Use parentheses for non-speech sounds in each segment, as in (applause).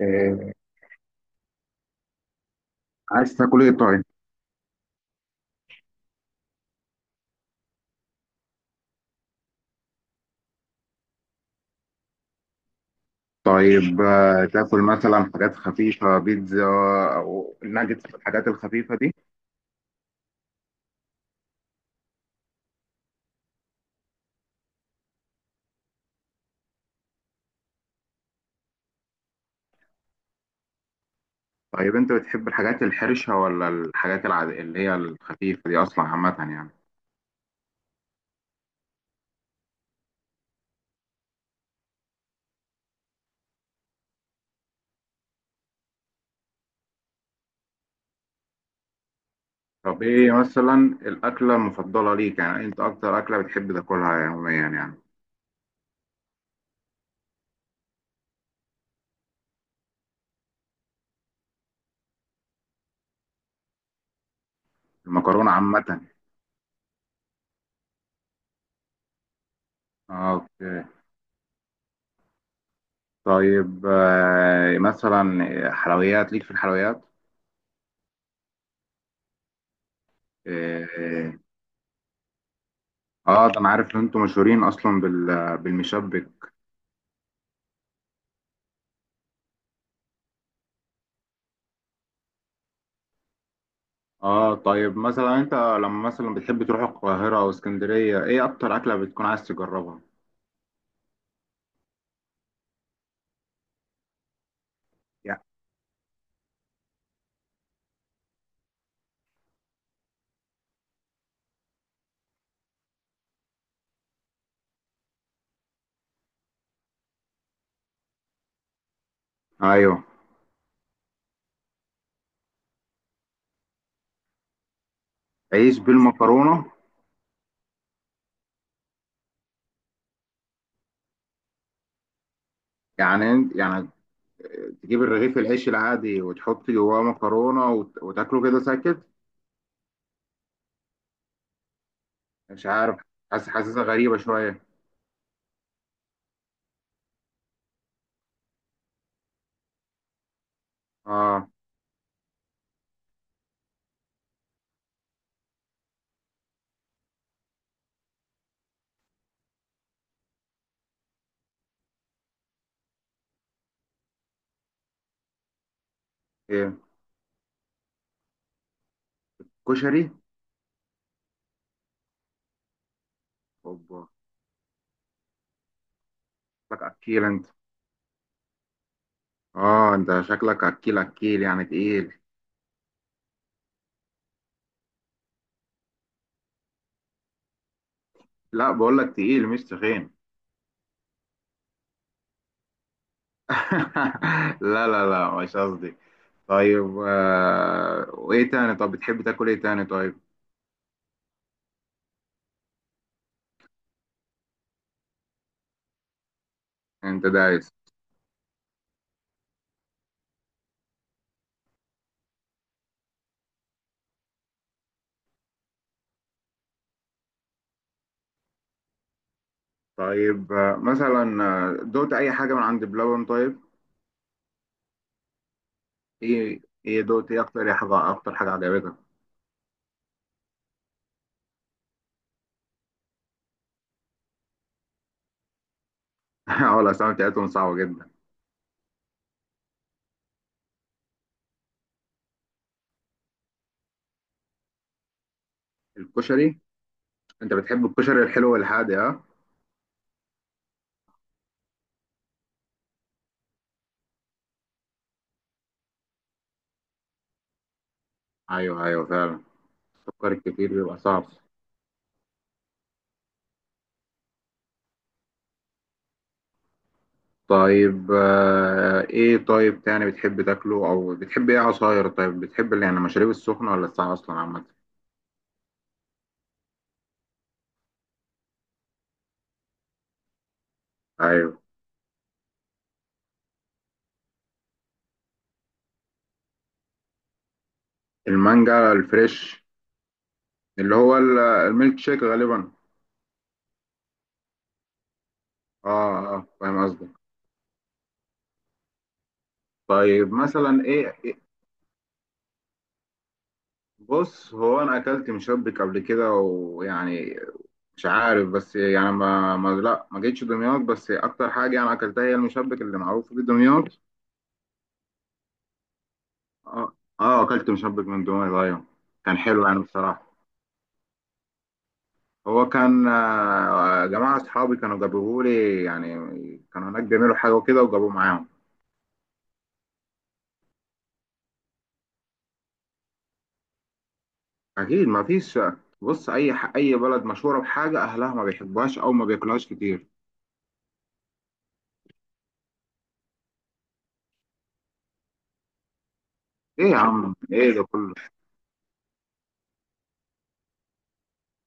آه، عايز تاكل ايه طيب؟ طيب تاكل مثلا حاجات خفيفة بيتزا او ناجتس الحاجات الخفيفة دي. طيب انت بتحب الحاجات الحرشة ولا الحاجات العادية اللي هي الخفيفة دي اصلا، عامة يعني؟ طب ايه مثلا الاكلة المفضلة ليك، يعني انت اكتر اكلة بتحب تاكلها يوميا يعني؟ المكرونة عامة. اوكي. طيب مثلا حلويات ليك، في الحلويات؟ اه، ده انا عارف ان انتم مشهورين اصلا بالمشبك. اه طيب، مثلا انت لما مثلا بتحب تروح القاهرة او اسكندرية، ايه اكتر اكلة بتكون عايز تجربها؟ يعني. ايوه. عيش بالمكرونة؟ يعني يعني تجيب الرغيف العيش العادي وتحط جواه مكرونة وتاكله كده ساكت؟ مش عارف، حاسسها غريبة شوية. اه. ايه؟ كشري. اوبا، شكلك اكيل انت. اه، انت شكلك اكيل اكيل يعني تقيل. لا بقول لك، تقيل مش تخين. (laughs) لا لا لا، مش قصدي. طيب وايه تاني؟ طب بتحب تاكل ايه تاني طيب؟ انت دايس. طيب مثلا دوت اي حاجه من عند بلبن طيب؟ ايه دوت ايه اكتر، ايه حاجه اكتر حاجه عجبتك؟ (laughs) اه، الاسامي بتاعتهم صعبه جدا. الكشري. انت بتحب الكشري الحلو والحادق، ها؟ ايوه ايوه فعلا. فكر كتير بيبقى صعب. طيب ايه طيب تاني بتحب تاكله؟ او بتحب ايه عصاير طيب؟ بتحب اللي يعني المشاريب السخنه ولا الساقعه اصلا، عامه؟ ايوه. المانجا الفريش؟ اللي هو الميلك شيك غالبا. اه اه، فاهم قصدك. طيب مثلا ايه بص هو انا اكلت مشبك قبل كده، ويعني مش عارف. بس يعني ما جيتش دمياط. بس اكتر حاجه انا اكلتها هي المشبك اللي معروف في دمياط. اه. اه، اكلت مشبك من دمياط، ايوه. كان حلو يعني بصراحه. هو كان جماعه اصحابي كانوا جابوه لي يعني. كانوا هناك بيعملوا حاجه وكده وجابوه معاهم. اكيد ما فيش. بص، اي اي بلد مشهوره بحاجه اهلها ما بيحبوهاش او ما بياكلوهاش كتير. ايه يا عم، ايه ده كله؟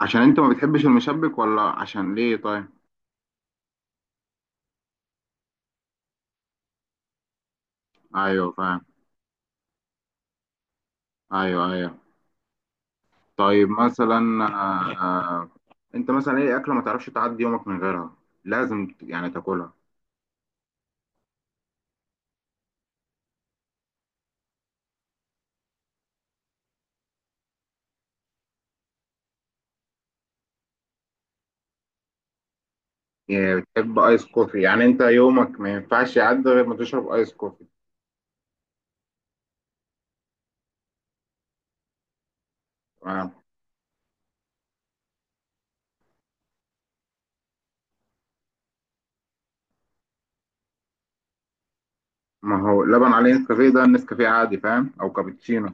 عشان انت ما بتحبش المشبك ولا عشان ليه طيب؟ ايوه فاهم. ايوه ايوه. طيب مثلا، آه انت مثلا ايه اكله ما تعرفش تعدي يومك من غيرها؟ لازم يعني تاكلها. يعني بتحب ايس كوفي، يعني انت يومك ما ينفعش يعدي غير ما تشرب ايس كوفي؟ تمام. ما هو لبن عليه نسكافيه، ده النسكافيه عادي فاهم؟ او كابتشينو؟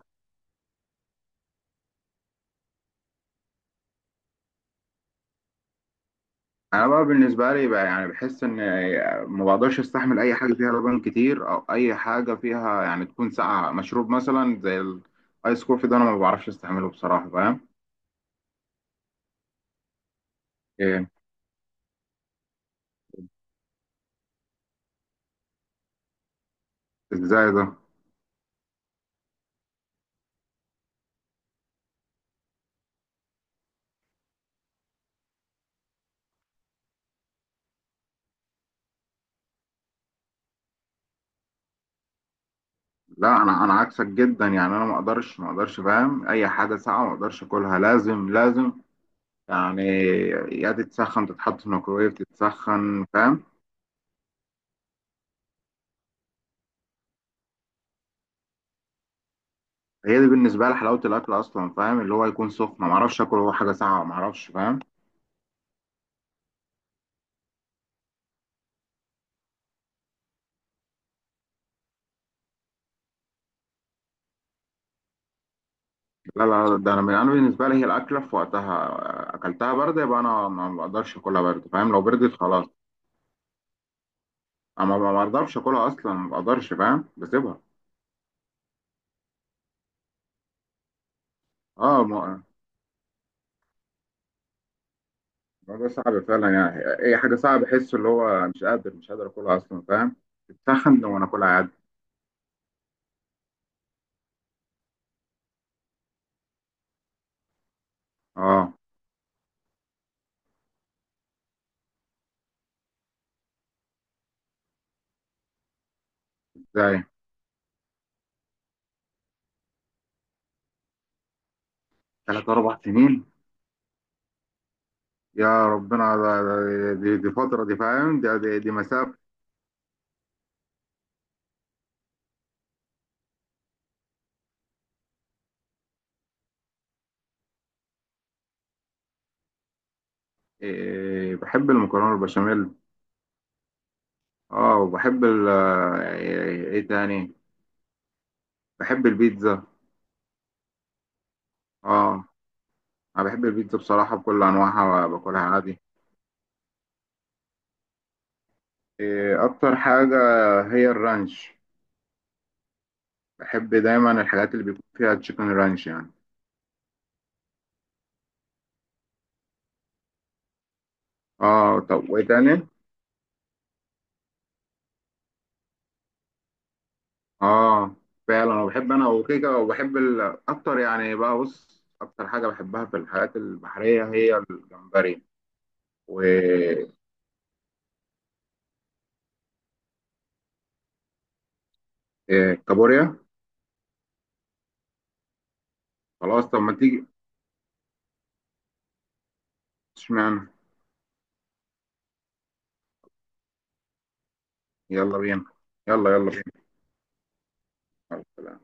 انا بقى بالنسبه لي بقى يعني بحس ان ما بقدرش استحمل اي حاجه فيها لبن كتير، او اي حاجه فيها يعني تكون ساقعه مشروب مثلا زي الايس كوفي ده. انا ما بعرفش استحمله بصراحه فاهم. ايه؟ ازاي ده؟ لا، انا عكسك جدا يعني. انا ما اقدرش فاهم. اي حاجه ساقعه ما اقدرش اكلها. لازم يعني، يا تتسخن، تتحط في الميكرويف تتسخن فاهم. هي دي بالنسبه لي حلاوه الاكل اصلا فاهم، اللي هو يكون سخن. ما اعرفش اكل هو حاجه ساقعه، ما اعرفش فاهم. لا، ده انا من انا بالنسبه لي هي الاكله في وقتها. اكلتها بارده يبقى انا ما بقدرش اكلها بارده فاهم. لو بردت خلاص انا ما بقدرش اكلها اصلا ما بقدرش فاهم. بسيبها. اه الموضوع صعب فعلا يعني. اي حاجه صعب احس اللي هو مش قادر اكلها اصلا فاهم. تتسخن وانا اكلها عادي. اه زي 3 4 سنين. يا ربنا، دي فتره دي فاهم. دي مسافه. إيه بحب المكرونه البشاميل. اه وبحب ايه، تاني بحب البيتزا. اه انا بحب البيتزا بصراحة بكل انواعها، باكلها عادي. إيه اكتر حاجة؟ هي الرانش. بحب دايما الحاجات اللي بيكون فيها تشيكن رانش يعني. اه طب وايه تاني؟ اه فعلا، انا بحب انا وكيكة، وبحب اكتر يعني بقى، بص اكتر حاجة بحبها في الحاجات البحرية هي الجمبري والكابوريا. خلاص طب ما تيجي. اشمعنى؟ يلا بينا. يلا يلا بينا.